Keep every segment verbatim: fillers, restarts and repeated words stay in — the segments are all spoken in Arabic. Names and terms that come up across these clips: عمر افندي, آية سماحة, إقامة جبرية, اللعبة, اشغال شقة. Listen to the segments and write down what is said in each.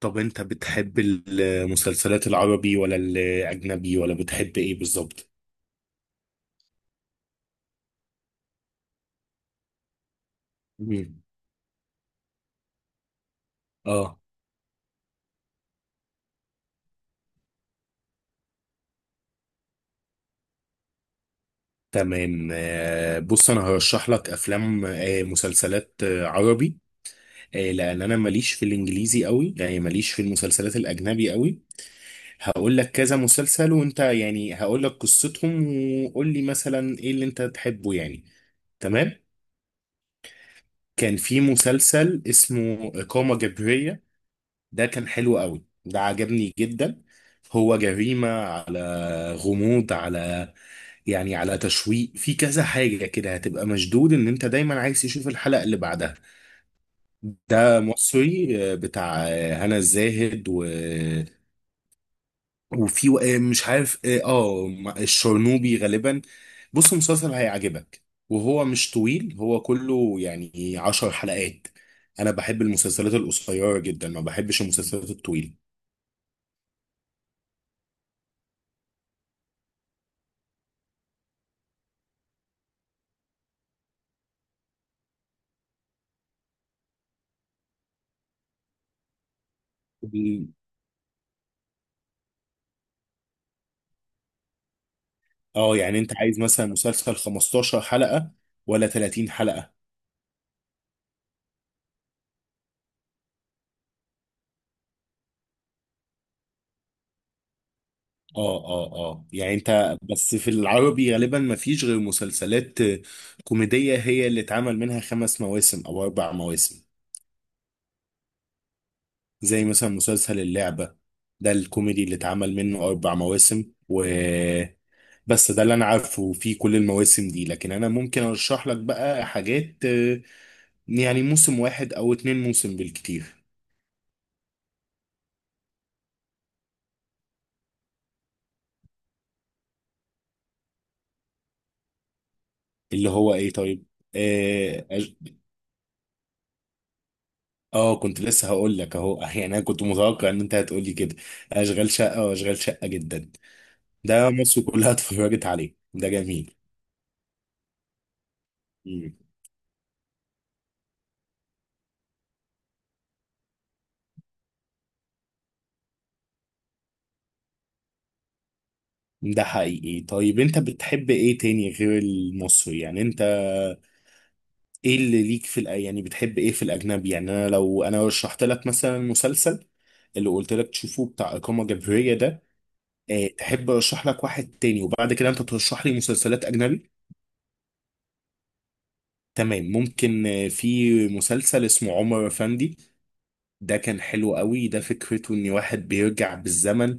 طب انت بتحب المسلسلات العربي ولا الاجنبي ولا بتحب ايه بالظبط؟ مم. اه. تمام. آه، بص انا هرشح لك افلام آه، مسلسلات آه، عربي، آه، لان انا ماليش في الانجليزي قوي، يعني ماليش في المسلسلات الاجنبي قوي. هقول لك كذا مسلسل وانت يعني هقول لك قصتهم، وقول لي مثلا ايه اللي انت تحبه يعني. تمام. كان في مسلسل اسمه إقامة جبرية، ده كان حلو قوي، ده عجبني جدا. هو جريمة على غموض على يعني على تشويق، في كذا حاجة كده هتبقى مشدود ان انت دايما عايز تشوف الحلقة اللي بعدها. ده مصري، آه، بتاع آه، هنا الزاهد و... وفي آه، مش عارف اه آه، الشرنوبي غالبا. بص مسلسل هيعجبك، وهو مش طويل، هو كله يعني عشر حلقات. انا بحب المسلسلات القصيرة جدا، ما بحبش المسلسلات الطويلة. اه يعني انت عايز مثلا مسلسل خمستاشر حلقة ولا ثلاثين حلقة؟ اه اه اه، يعني انت بس في العربي غالبا ما فيش غير مسلسلات كوميدية هي اللي اتعمل منها خمس مواسم او اربع مواسم. زي مثلا مسلسل اللعبة، ده الكوميدي اللي اتعمل منه اربع مواسم و... بس ده اللي انا عارفه في كل المواسم دي، لكن انا ممكن ارشح لك بقى حاجات، آه، يعني موسم واحد او اتنين موسم بالكتير. اللي هو ايه طيب؟ آه اه كنت لسه هقول لك اهو يعني انا كنت متوقع ان انت هتقول لي كده: اشغال شقه، واشغال شقه جدا. ده مصر كلها اتفرجت عليه، ده جميل. مم. ده حقيقي. طيب انت بتحب ايه تاني غير المصري يعني؟ انت ايه اللي ليك في الأ... يعني بتحب ايه في الاجنبي يعني؟ انا لو انا رشحت لك مثلا مسلسل اللي قلت لك تشوفه بتاع اقامه جبريه ده، اه، تحب ارشح لك واحد تاني وبعد كده انت ترشح لي مسلسلات اجنبي؟ تمام. ممكن آه، في مسلسل اسمه عمر افندي، ده كان حلو قوي، ده فكرته ان واحد بيرجع بالزمن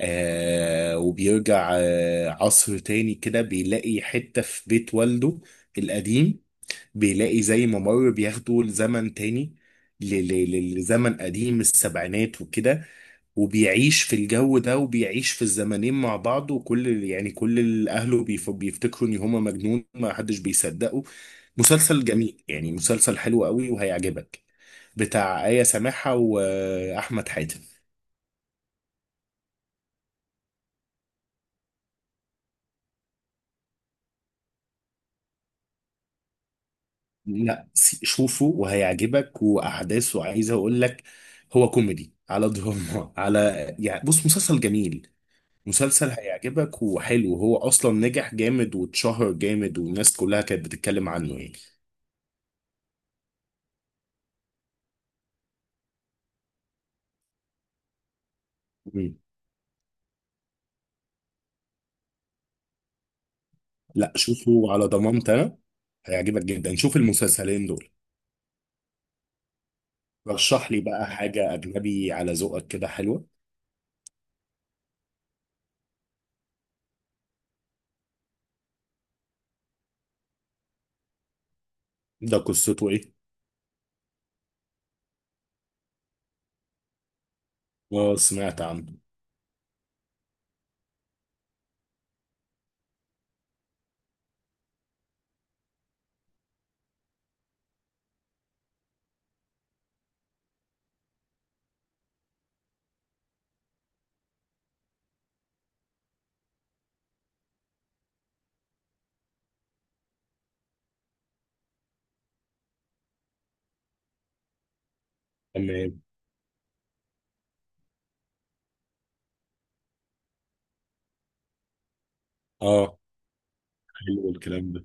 آه وبيرجع آه عصر تاني كده، بيلاقي حتة في بيت والده القديم، بيلاقي زي ممر بياخده لزمن تاني، ل- ل- ل- لزمن قديم السبعينات وكده، وبيعيش في الجو ده، وبيعيش في الزمنين مع بعض، وكل يعني كل اهله بيف- بيفتكروا ان هما مجنون، ما حدش بيصدقه. مسلسل جميل يعني، مسلسل حلو قوي وهيعجبك، بتاع آية سماحة وأحمد حاتم. لا، س- شوفه وهيعجبك، وأحداثه عايز أقول لك هو كوميدي على دراما على يعني، بص مسلسل جميل، مسلسل هيعجبك وحلو، هو أصلا نجح جامد واتشهر جامد والناس كلها كانت بتتكلم عنه يعني. مم. لا، شوفه على ضمانتي أنا، هيعجبك جدا، شوف المسلسلين دول. رشح لي بقى حاجة أجنبي على ذوقك كده حلوة. ده قصته إيه؟ اه سمعت عنه. تمام. اه حلو الكلام ده.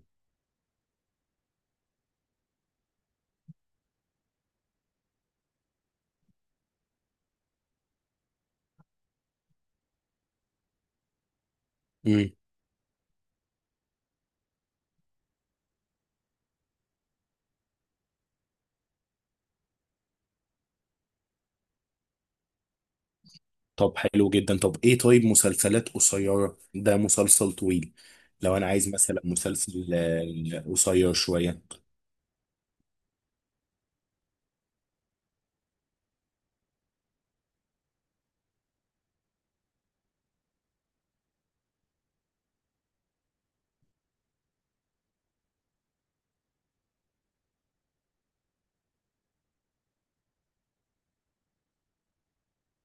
امم. طب حلو جدا. طب ايه؟ طيب مسلسلات قصيرة؟ ده مسلسل طويل، لو انا عايز مثلا مسلسل آه، قصير شوية.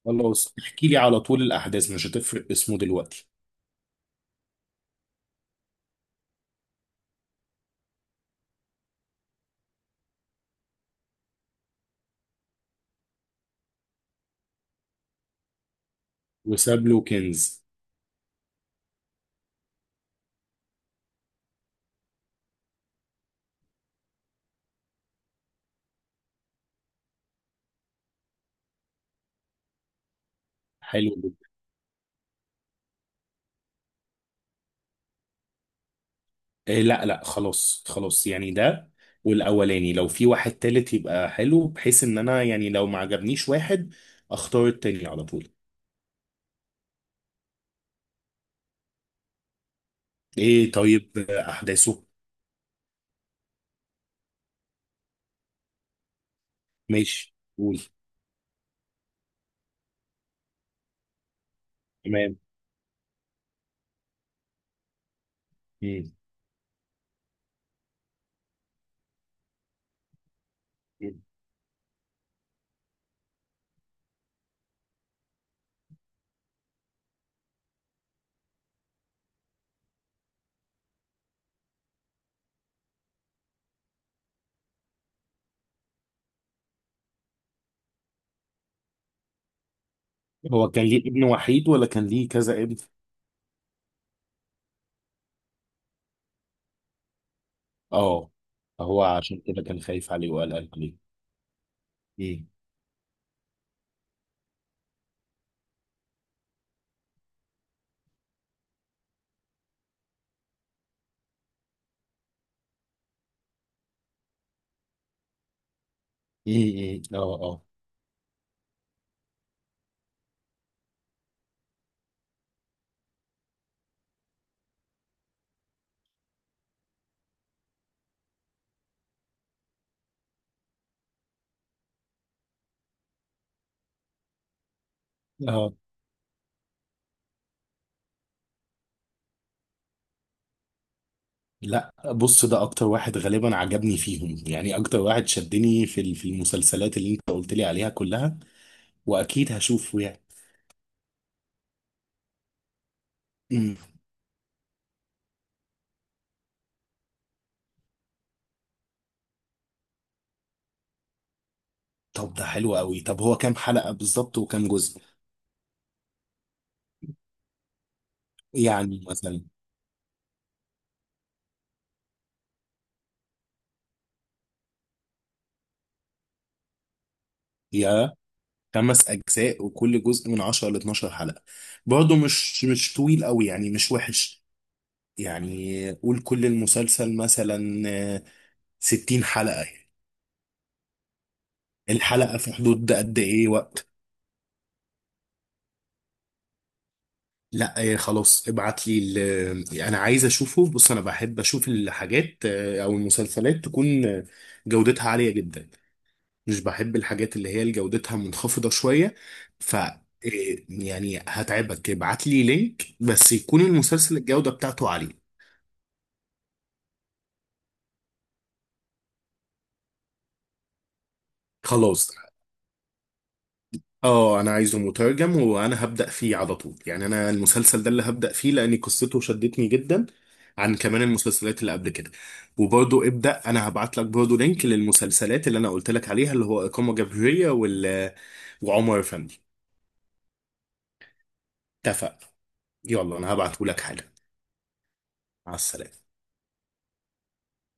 خلاص، احكي لي على طول الاحداث، مش هتفرق اسمه دلوقتي. وساب له كنز؟ حلو جدا. إيه؟ لا لا، خلاص خلاص، يعني ده، والاولاني لو في واحد تالت يبقى حلو، بحيث ان انا يعني لو ما عجبنيش واحد اختار التاني على طول. ايه طيب؟ آه، احداثه؟ ماشي، قول. تمام. مم. مم. هو مم. كان ليه ابن وحيد ولا كان ليه كذا ابن؟ اه. هو عشان كده كان خايف عليه وقلقان عليه. مم. مم. مم. اه اه اه. لا، بص ده اكتر واحد غالبا عجبني فيهم يعني، اكتر واحد شدني في ال- في المسلسلات اللي انت قلت لي عليها كلها، واكيد هشوفه يعني. مم. طب ده حلو قوي. طب هو كام حلقة بالظبط وكام جزء؟ يعني مثلا خمس أجزاء وكل جزء من عشر ل اتناشر حلقة. برضه مش مش طويل قوي يعني، مش وحش، يعني قول كل المسلسل مثلا آه، ستين حلقة يعني. الحلقة في حدود قد إيه وقت؟ لا آه، خلاص، ابعت لي ال- آه، أنا عايز أشوفه. بص أنا بحب أشوف الحاجات آه، أو المسلسلات تكون آه، جودتها عالية جدا، مش بحب الحاجات اللي هي جودتها منخفضة شوية. ف آه، يعني هتعبك، ابعت لي لينك بس يكون المسلسل الجودة بتاعته عالية. خلاص. اه انا عايزه مترجم وانا هبدأ فيه على طول، يعني انا المسلسل ده اللي هبدأ فيه لان قصته شدتني جدا عن كمان المسلسلات اللي قبل كده. وبرضو ابدأ، انا هبعت لك برضو لينك للمسلسلات اللي انا قلت لك عليها، اللي هو إقامة جبرية وال وعمر فندي. اتفق. يلا انا هبعته لك حالا. مع السلامة.